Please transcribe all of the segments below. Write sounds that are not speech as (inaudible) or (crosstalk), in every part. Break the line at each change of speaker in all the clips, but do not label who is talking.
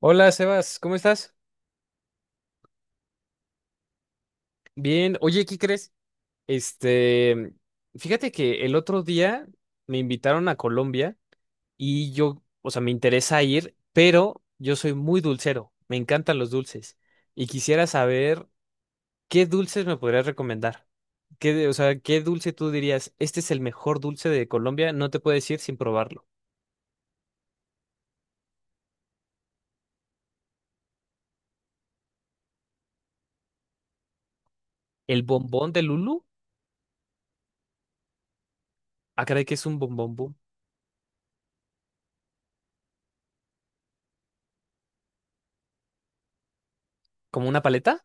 Hola, Sebas, ¿cómo estás? Bien. Oye, ¿qué crees? Este, Fíjate que el otro día me invitaron a Colombia y yo, o sea, me interesa ir, pero yo soy muy dulcero, me encantan los dulces y quisiera saber qué dulces me podrías recomendar. Qué, o sea, qué dulce tú dirías, este es el mejor dulce de Colombia, no te puedes ir sin probarlo. ¿El bombón de Lulu? Ah, caray, que es un bombón, boom. ¿Como una paleta?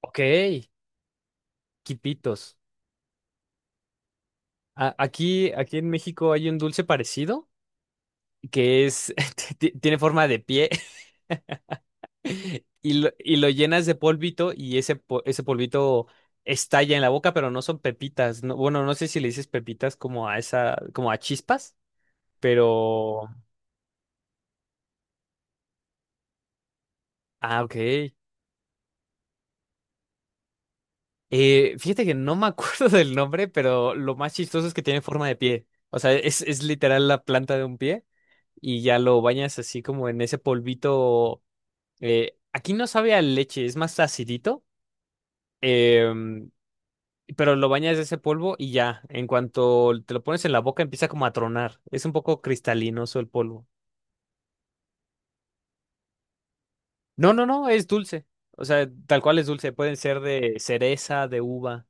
Ok, quipitos. Aquí en México hay un dulce parecido que es, (laughs) tiene forma de pie. (laughs) Y lo llenas de polvito y ese polvito estalla en la boca, pero no son pepitas. No, bueno, no sé si le dices pepitas como a esa, como a chispas, pero. Ah, ok. Fíjate que no me acuerdo (laughs) del nombre, pero lo más chistoso es que tiene forma de pie. O sea, es literal la planta de un pie y ya lo bañas así como en ese polvito. Aquí no sabe a leche, es más acidito, em, pero lo bañas de ese polvo y ya, en cuanto te lo pones en la boca empieza como a tronar, es un poco cristalinoso el polvo. No, no, no, es dulce, o sea, tal cual es dulce, pueden ser de cereza, de uva,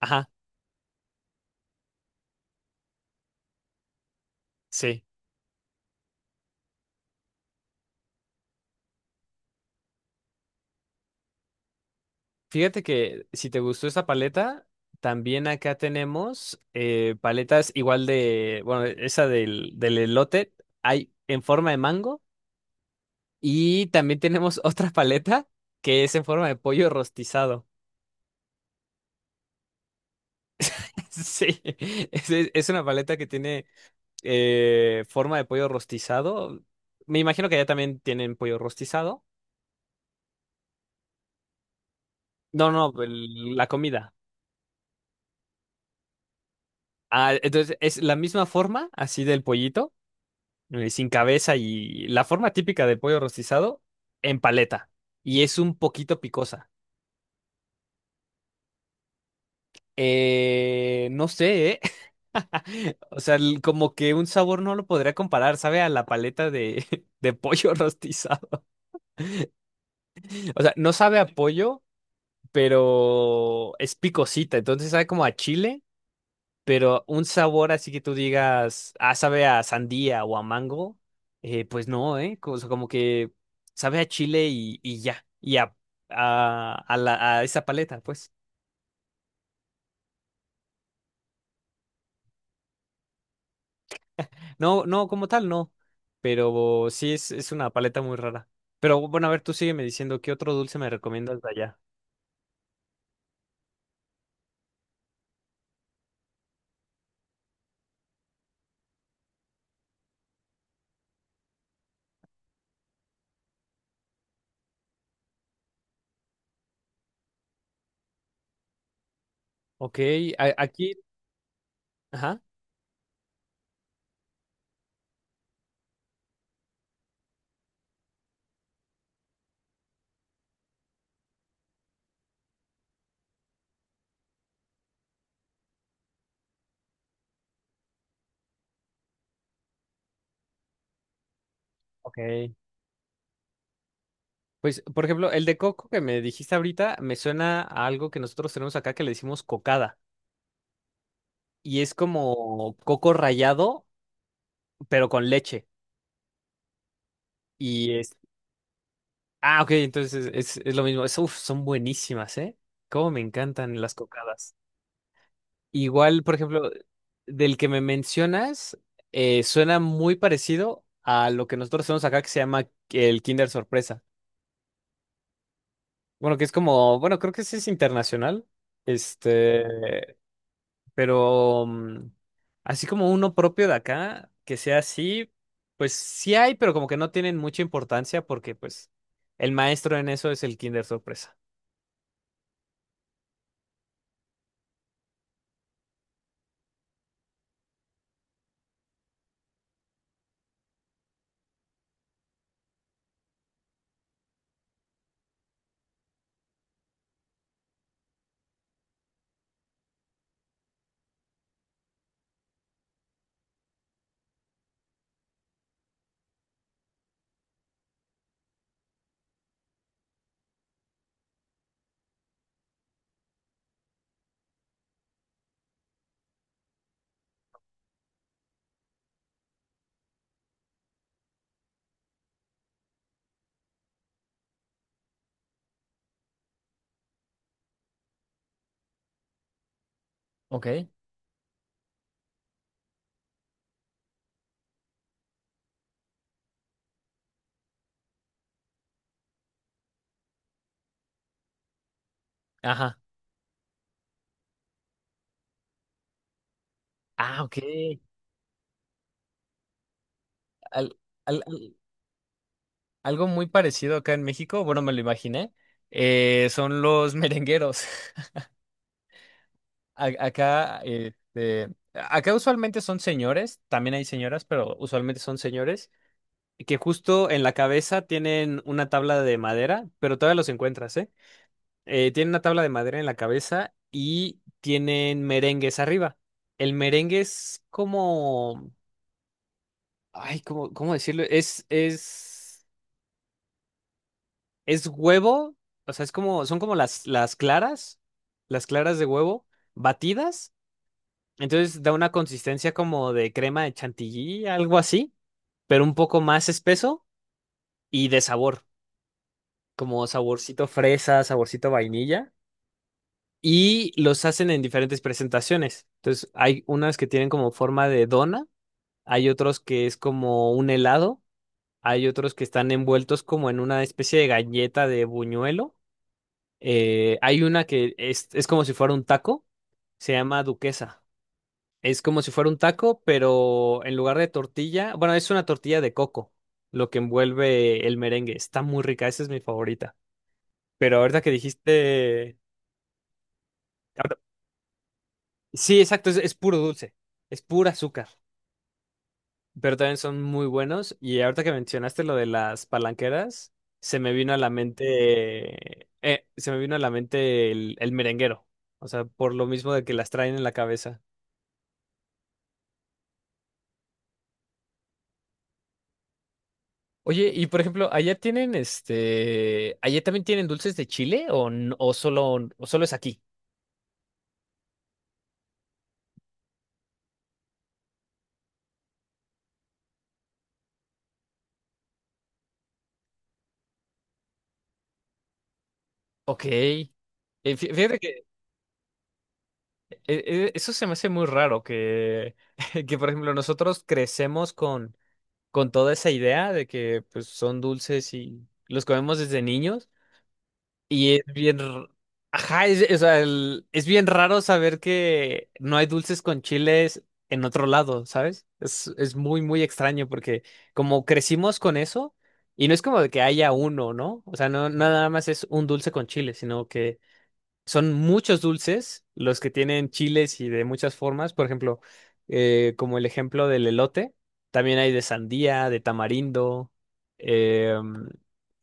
ajá, sí. Fíjate que si te gustó esta paleta, también acá tenemos paletas igual de, bueno, esa del elote, hay en forma de mango. Y también tenemos (laughs) otra paleta que es en forma de pollo rostizado. (laughs) Sí, es una paleta que tiene forma de pollo rostizado. Me imagino que allá también tienen pollo rostizado. No, no, la comida. Ah, entonces es la misma forma, así del pollito, sin cabeza y la forma típica del pollo rostizado en paleta. Y es un poquito picosa. No sé, ¿eh? (laughs) O sea, como que un sabor no lo podría comparar, sabe a la paleta de, (laughs) de pollo rostizado. (laughs) O sea, no sabe a pollo, pero es picosita, entonces sabe como a chile, pero un sabor así que tú digas, ah, sabe a sandía o a mango, pues no, ¿eh? O sea, como que sabe a chile y ya, y a esa paleta, pues. No, no, como tal, no. Pero sí es una paleta muy rara. Pero bueno, a ver, tú sígueme diciendo qué otro dulce me recomiendas de allá. Ok, aquí. Ajá. Ok. Pues, por ejemplo, el de coco que me dijiste ahorita me suena a algo que nosotros tenemos acá que le decimos cocada. Y es como coco rallado, pero con leche. Y es. Ah, ok, entonces es lo mismo. Uf, son buenísimas, ¿eh? Cómo me encantan las cocadas. Igual, por ejemplo, del que me mencionas, suena muy parecido a lo que nosotros hacemos acá que se llama el Kinder Sorpresa. Bueno, que es como, bueno, creo que sí es internacional, este, pero así como uno propio de acá, que sea así, pues sí hay, pero como que no tienen mucha importancia porque pues el maestro en eso es el Kinder Sorpresa. Ok. Ajá. Ah, ok. Al- al- al- Algo muy parecido acá en México, bueno, me lo imaginé, son los merengueros. (laughs) A- Acá, eh, eh, acá usualmente son señores, también hay señoras, pero usualmente son señores, que justo en la cabeza tienen una tabla de madera, pero todavía los encuentras, ¿eh? Tienen una tabla de madera en la cabeza y tienen merengues arriba. El merengue es como, ay, ¿cómo decirlo? Es huevo, o sea, es como, son como las claras de huevo batidas. Entonces da una consistencia como de crema de chantilly, algo así, pero un poco más espeso y de sabor, como saborcito fresa, saborcito vainilla. Y los hacen en diferentes presentaciones. Entonces hay unas que tienen como forma de dona, hay otros que es como un helado, hay otros que están envueltos como en una especie de galleta de buñuelo. Hay una que es como si fuera un taco, se llama duquesa. Es como si fuera un taco, pero en lugar de tortilla, bueno, es una tortilla de coco, lo que envuelve el merengue. Está muy rica, esa es mi favorita. Pero ahorita que dijiste… ahorita- Sí, exacto, es puro dulce, es pura azúcar, pero también son muy buenos. Y ahorita que mencionaste lo de las palanqueras, se me vino a la mente el merenguero, o sea, por lo mismo de que las traen en la cabeza. Oye, y por ejemplo, allá tienen allá también tienen dulces de chile o, o solo es aquí. Ok. Fíjate que eh, eso se me hace muy raro que, (laughs) que por ejemplo nosotros crecemos con, toda esa idea de que pues son dulces y los comemos desde niños. Y es bien, ajá, es, o sea, es bien raro saber que no hay dulces con chiles en otro lado, ¿sabes? Es muy, muy extraño porque como crecimos con eso, y no es como de que haya uno, ¿no? O sea, no nada más es un dulce con chile, sino que son muchos dulces los que tienen chiles y de muchas formas. Por ejemplo, como el ejemplo del elote, también hay de sandía, de tamarindo. eh,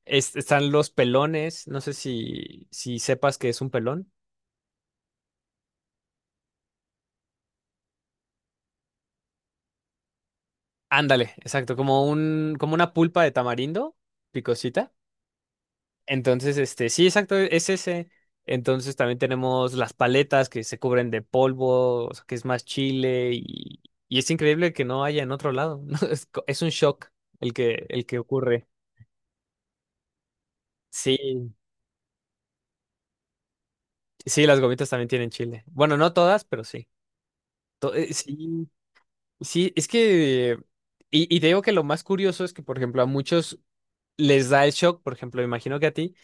Están los pelones. No sé si sepas que es un pelón. Ándale, exacto, como una pulpa de tamarindo, picosita. Entonces, sí, exacto, es ese. Entonces también tenemos las paletas que se cubren de polvo, o sea, que es más chile y es increíble que no haya en otro lado. (laughs) ¿No? Es un shock el que ocurre. Sí, sí, las gomitas también tienen chile. Bueno, no todas, pero sí. Sí, sí, es que… Y te digo que lo más curioso es que, por ejemplo, a muchos les da el shock, por ejemplo, imagino que a ti.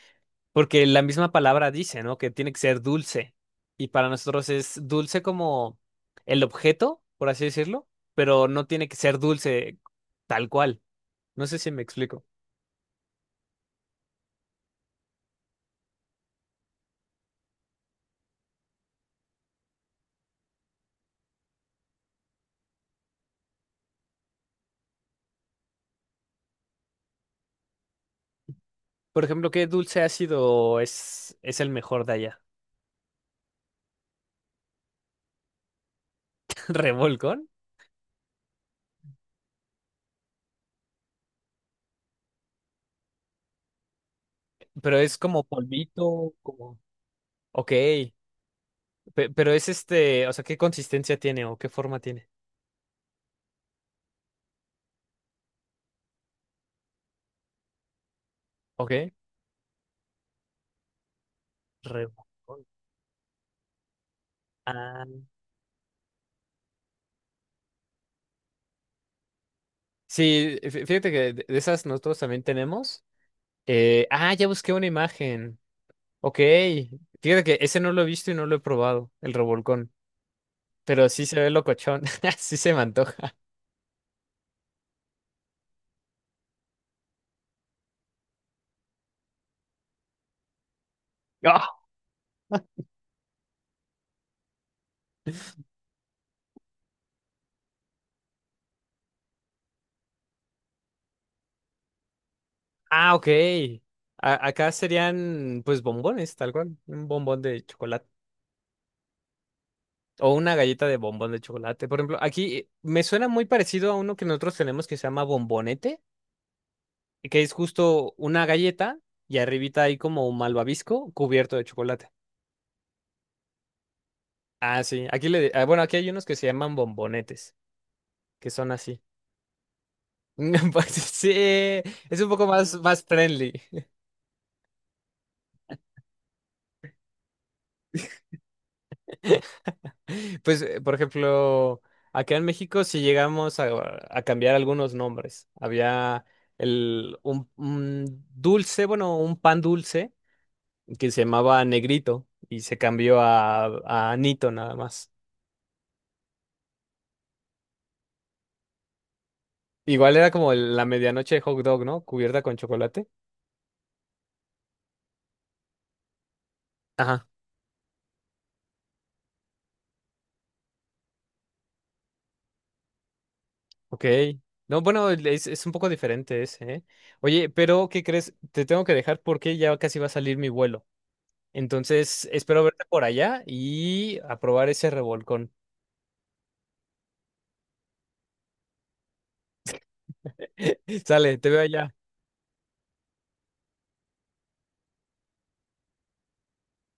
Porque la misma palabra dice, ¿no? Que tiene que ser dulce. Y para nosotros es dulce como el objeto, por así decirlo, pero no tiene que ser dulce tal cual. No sé si me explico. Por ejemplo, ¿qué dulce ácido es el mejor de allá? (laughs) ¿Revolcón? Pero es como polvito, como… Ok, pero es o sea, ¿qué consistencia tiene o qué forma tiene? Ok, revolcón. Ah, sí, fíjate que de esas nosotros también tenemos. Ah, ya busqué una imagen. Ok. Fíjate que ese no lo he visto y no lo he probado, el revolcón. Pero sí se ve locochón. (laughs) Sí se me antoja. ¡Ah! Ah, ok. Acá serían, pues, bombones, tal cual. Un bombón de chocolate. O una galleta de bombón de chocolate. Por ejemplo, aquí me suena muy parecido a uno que nosotros tenemos que se llama bombonete, que es justo una galleta y arribita hay como un malvavisco cubierto de chocolate. Ah, sí. Aquí le, ah, bueno, aquí hay unos que se llaman bombonetes, que son así. (laughs) Pues sí, es un poco más, más friendly. (laughs) Pues, por ejemplo, acá en México sí llegamos a, cambiar algunos nombres. Había un dulce, bueno, un pan dulce que se llamaba Negrito y se cambió a Anito nada más. Igual era como la medianoche de hot dog, ¿no? Cubierta con chocolate. Ajá, ok. No, bueno, es un poco diferente ese, ¿eh? Oye, pero ¿qué crees? Te tengo que dejar porque ya casi va a salir mi vuelo. Entonces, espero verte por allá y aprobar ese revolcón. (laughs) Sale, te veo allá.